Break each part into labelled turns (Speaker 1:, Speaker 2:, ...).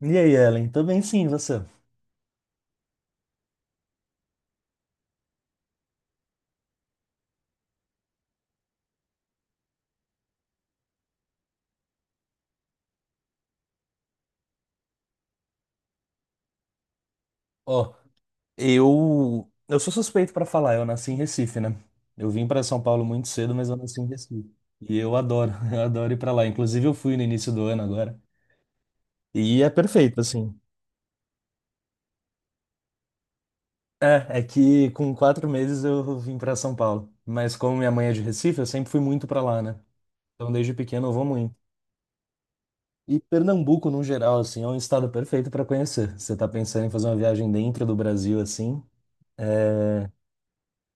Speaker 1: E aí, Ellen? Tô bem sim, e você? Ó, eu sou suspeito pra falar, eu nasci em Recife, né? Eu vim pra São Paulo muito cedo, mas eu nasci em Recife. E eu adoro, eu adoro ir pra lá. Inclusive eu fui no início do ano agora. E é perfeito, assim. É que com 4 meses eu vim pra São Paulo. Mas como minha mãe é de Recife, eu sempre fui muito pra lá, né? Então desde pequeno eu vou muito. E Pernambuco, no geral, assim, é um estado perfeito pra conhecer. Você tá pensando em fazer uma viagem dentro do Brasil, assim?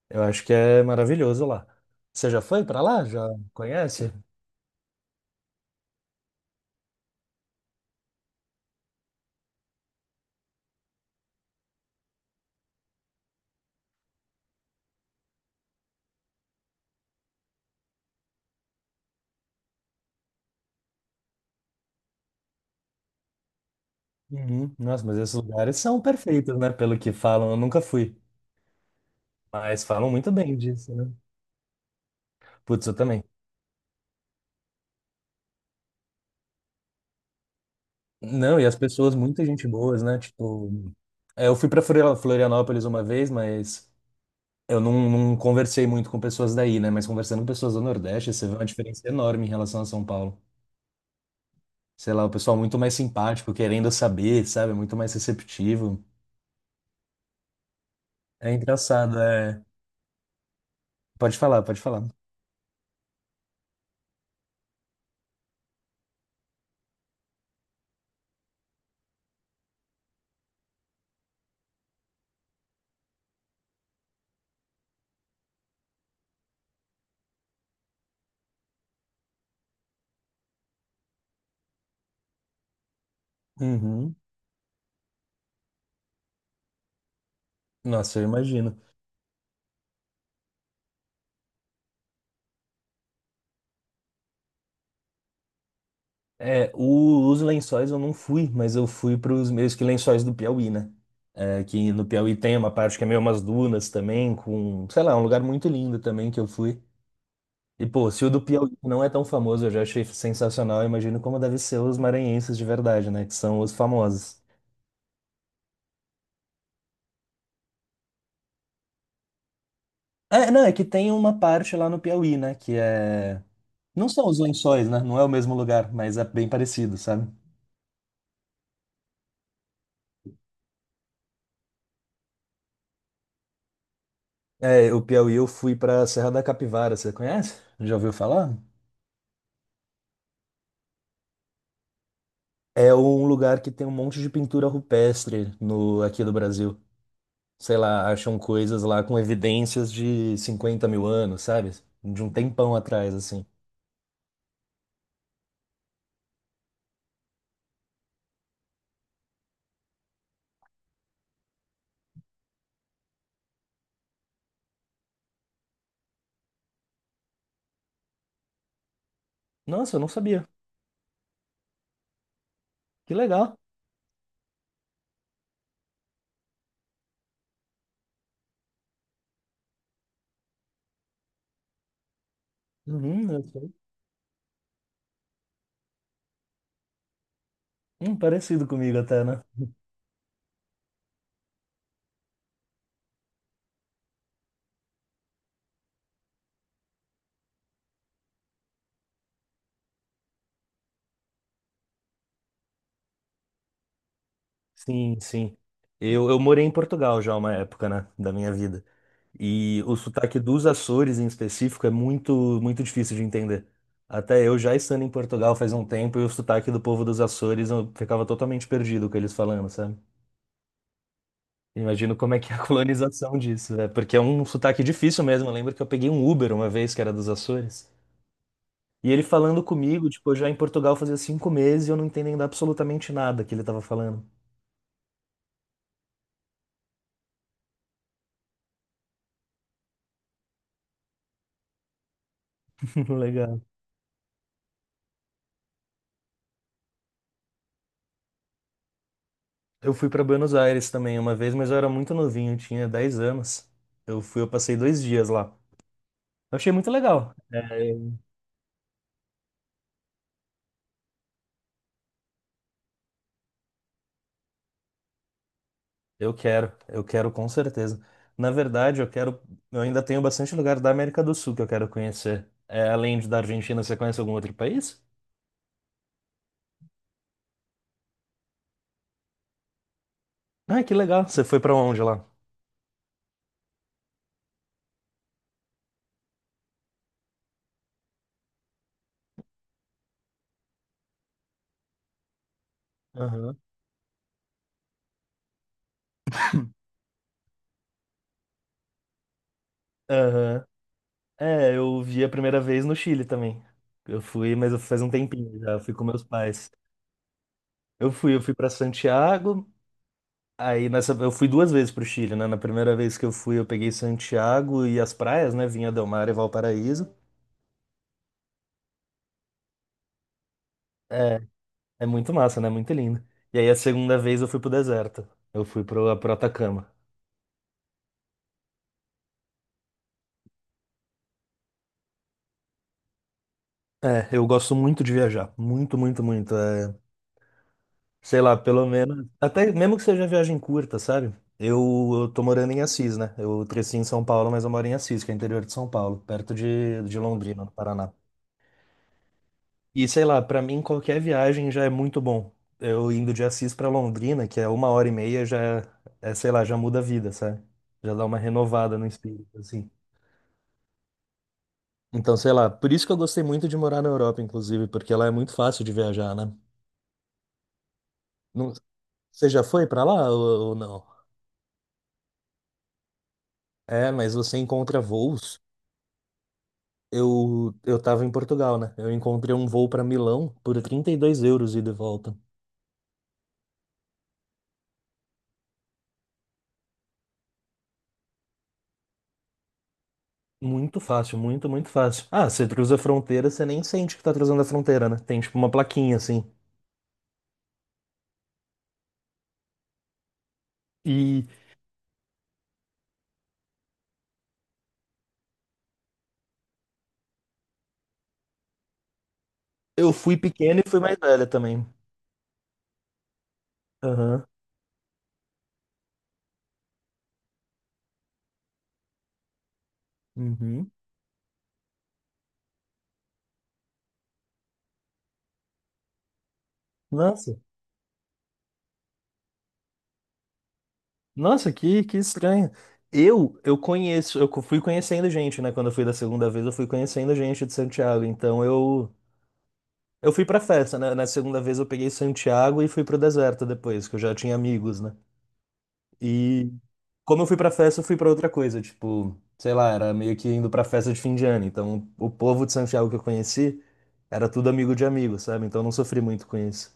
Speaker 1: Eu acho que é maravilhoso lá. Você já foi para lá? Já conhece? Uhum. Nossa, mas esses lugares são perfeitos, né? Pelo que falam, eu nunca fui. Mas falam muito bem disso, né? Putz, eu também. Não, e as pessoas, muita gente boas, né? Tipo, é, eu fui para Florianópolis uma vez, mas eu não, não conversei muito com pessoas daí, né? Mas conversando com pessoas do Nordeste, você vê uma diferença enorme em relação a São Paulo. Sei lá, o pessoal muito mais simpático, querendo saber, sabe? Muito mais receptivo. É engraçado, é. Pode falar, pode falar. Uhum. Nossa, eu imagino. É, o- os lençóis eu não fui, mas eu fui para os meus que lençóis do Piauí, né? É, que no Piauí tem uma parte que é meio umas dunas também, com, sei lá, um lugar muito lindo também que eu fui. E, pô, se o do Piauí não é tão famoso, eu já achei sensacional, eu imagino como deve ser os maranhenses de verdade, né? Que são os famosos. É, não, é que tem uma parte lá no Piauí, né? Que é. Não são os lençóis, né? Não é o mesmo lugar, mas é bem parecido, sabe? É, o Piauí eu fui pra Serra da Capivara, você conhece? Já ouviu falar? É um lugar que tem um monte de pintura rupestre no aqui do Brasil. Sei lá, acham coisas lá com evidências de 50.000 anos, sabe? De um tempão atrás, assim. Nossa, eu não sabia. Que legal. Uhum, eu sei. Parecido comigo até, né? Sim, sim. Eu morei em Portugal já uma época, né, da minha vida. E o sotaque dos Açores em específico é muito, muito difícil de entender. Até eu já estando em Portugal faz um tempo e o sotaque do povo dos Açores eu ficava totalmente perdido com eles falando, sabe? Imagino como é que é a colonização disso, né? Porque é um sotaque difícil mesmo. Eu lembro que eu peguei um Uber uma vez que era dos Açores. E ele falando comigo, tipo, eu já em Portugal fazia 5 meses e eu não entendendo absolutamente nada que ele tava falando. Legal. Eu fui para Buenos Aires também uma vez, mas eu era muito novinho, eu tinha 10 anos. Eu fui, eu passei 2 dias lá. Eu achei muito legal. É, eu quero com certeza. Na verdade, eu quero, eu ainda tenho bastante lugar da América do Sul que eu quero conhecer. É, além de da Argentina, você conhece algum outro país? Ah, que legal. Você foi para onde lá? Aham. Aham. É, eu vi a primeira vez no Chile também. Eu fui, mas eu faz um tempinho já, eu fui com meus pais. Eu fui para Santiago. Aí nessa, eu fui 2 vezes pro Chile, né? Na primeira vez que eu fui, eu peguei Santiago e as praias, né? Vinha Del Mar e Valparaíso. É, é muito massa, né? Muito lindo. E aí a segunda vez eu fui pro deserto. Eu fui pro Atacama. É, eu gosto muito de viajar. Muito, muito, muito. É, sei lá, pelo menos. Até mesmo que seja viagem curta, sabe? Eu, eu tô morando em Assis, né? Eu cresci em São Paulo, mas eu moro em Assis, que é interior de São Paulo, perto de Londrina, no Paraná. E sei lá, pra mim qualquer viagem já é muito bom. Eu indo de Assis pra Londrina, que é 1 hora e meia, já é, sei lá, já muda a vida, sabe? Já dá uma renovada no espírito, assim. Então, sei lá, por isso que eu gostei muito de morar na Europa, inclusive, porque lá é muito fácil de viajar, né? Não- você já foi pra lá ou não? É, mas você encontra voos. Eu tava em Portugal, né? Eu encontrei um voo pra Milão por €32 ida e de volta. Muito fácil, muito, muito fácil. Ah, você cruza a fronteira, você nem sente que tá cruzando a fronteira, né? Tem tipo uma plaquinha assim. E eu fui pequeno e fui mais velha também. Aham. Uhum. Nossa. Nossa, que estranho. Eu conheço, eu fui conhecendo gente, né? Quando eu fui da segunda vez, eu fui conhecendo gente de Santiago. Então eu fui pra festa, né? Na segunda vez eu peguei Santiago e fui pro deserto depois, que eu já tinha amigos, né? E como eu fui pra festa, eu fui pra outra coisa, tipo, sei lá, era meio que indo pra festa de fim de ano. Então, o povo de Santiago que eu conheci era tudo amigo de amigo, sabe? Então, eu não sofri muito com isso.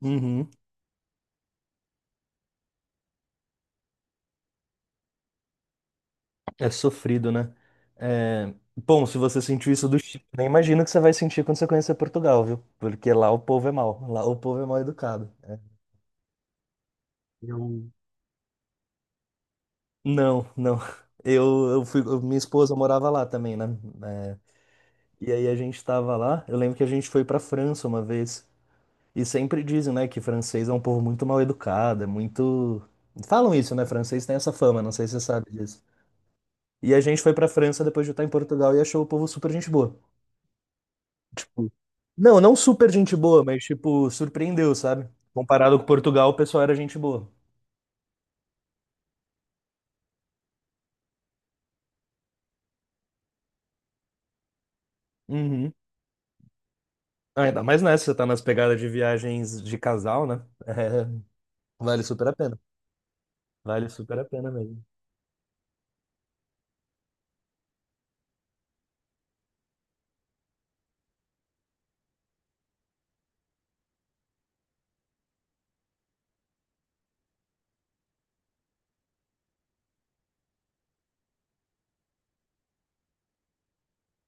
Speaker 1: Uhum. É sofrido, né? É, bom, se você sentiu isso do Chile, nem imagino o que você vai sentir quando você conhecer Portugal, viu? Porque lá o povo é mau, lá o povo é mal educado. Eu... Não, não. Eu, minha esposa morava lá também, né? É. E aí a gente tava lá. Eu lembro que a gente foi pra França uma vez. E sempre dizem, né, que francês é um povo muito mal educado, é muito. Falam isso, né? Francês tem essa fama, não sei se você sabe disso. E a gente foi pra França depois de estar em Portugal e achou o povo super gente boa. Tipo, não, não super gente boa, mas tipo, surpreendeu, sabe? Comparado com Portugal, o pessoal era gente boa. Uhum. Ainda mais nessa, você tá nas pegadas de viagens de casal, né? É, vale super a pena. Vale super a pena mesmo.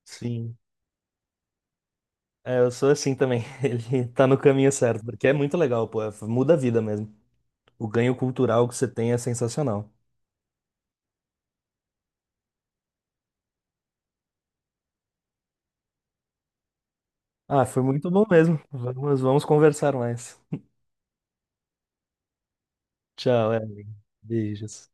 Speaker 1: Sim. É, eu sou assim também. Ele tá no caminho certo, porque é muito legal, pô. Muda a vida mesmo. O ganho cultural que você tem é sensacional. Ah, foi muito bom mesmo. Vamos, vamos conversar mais. Tchau, Evelyn. Beijos.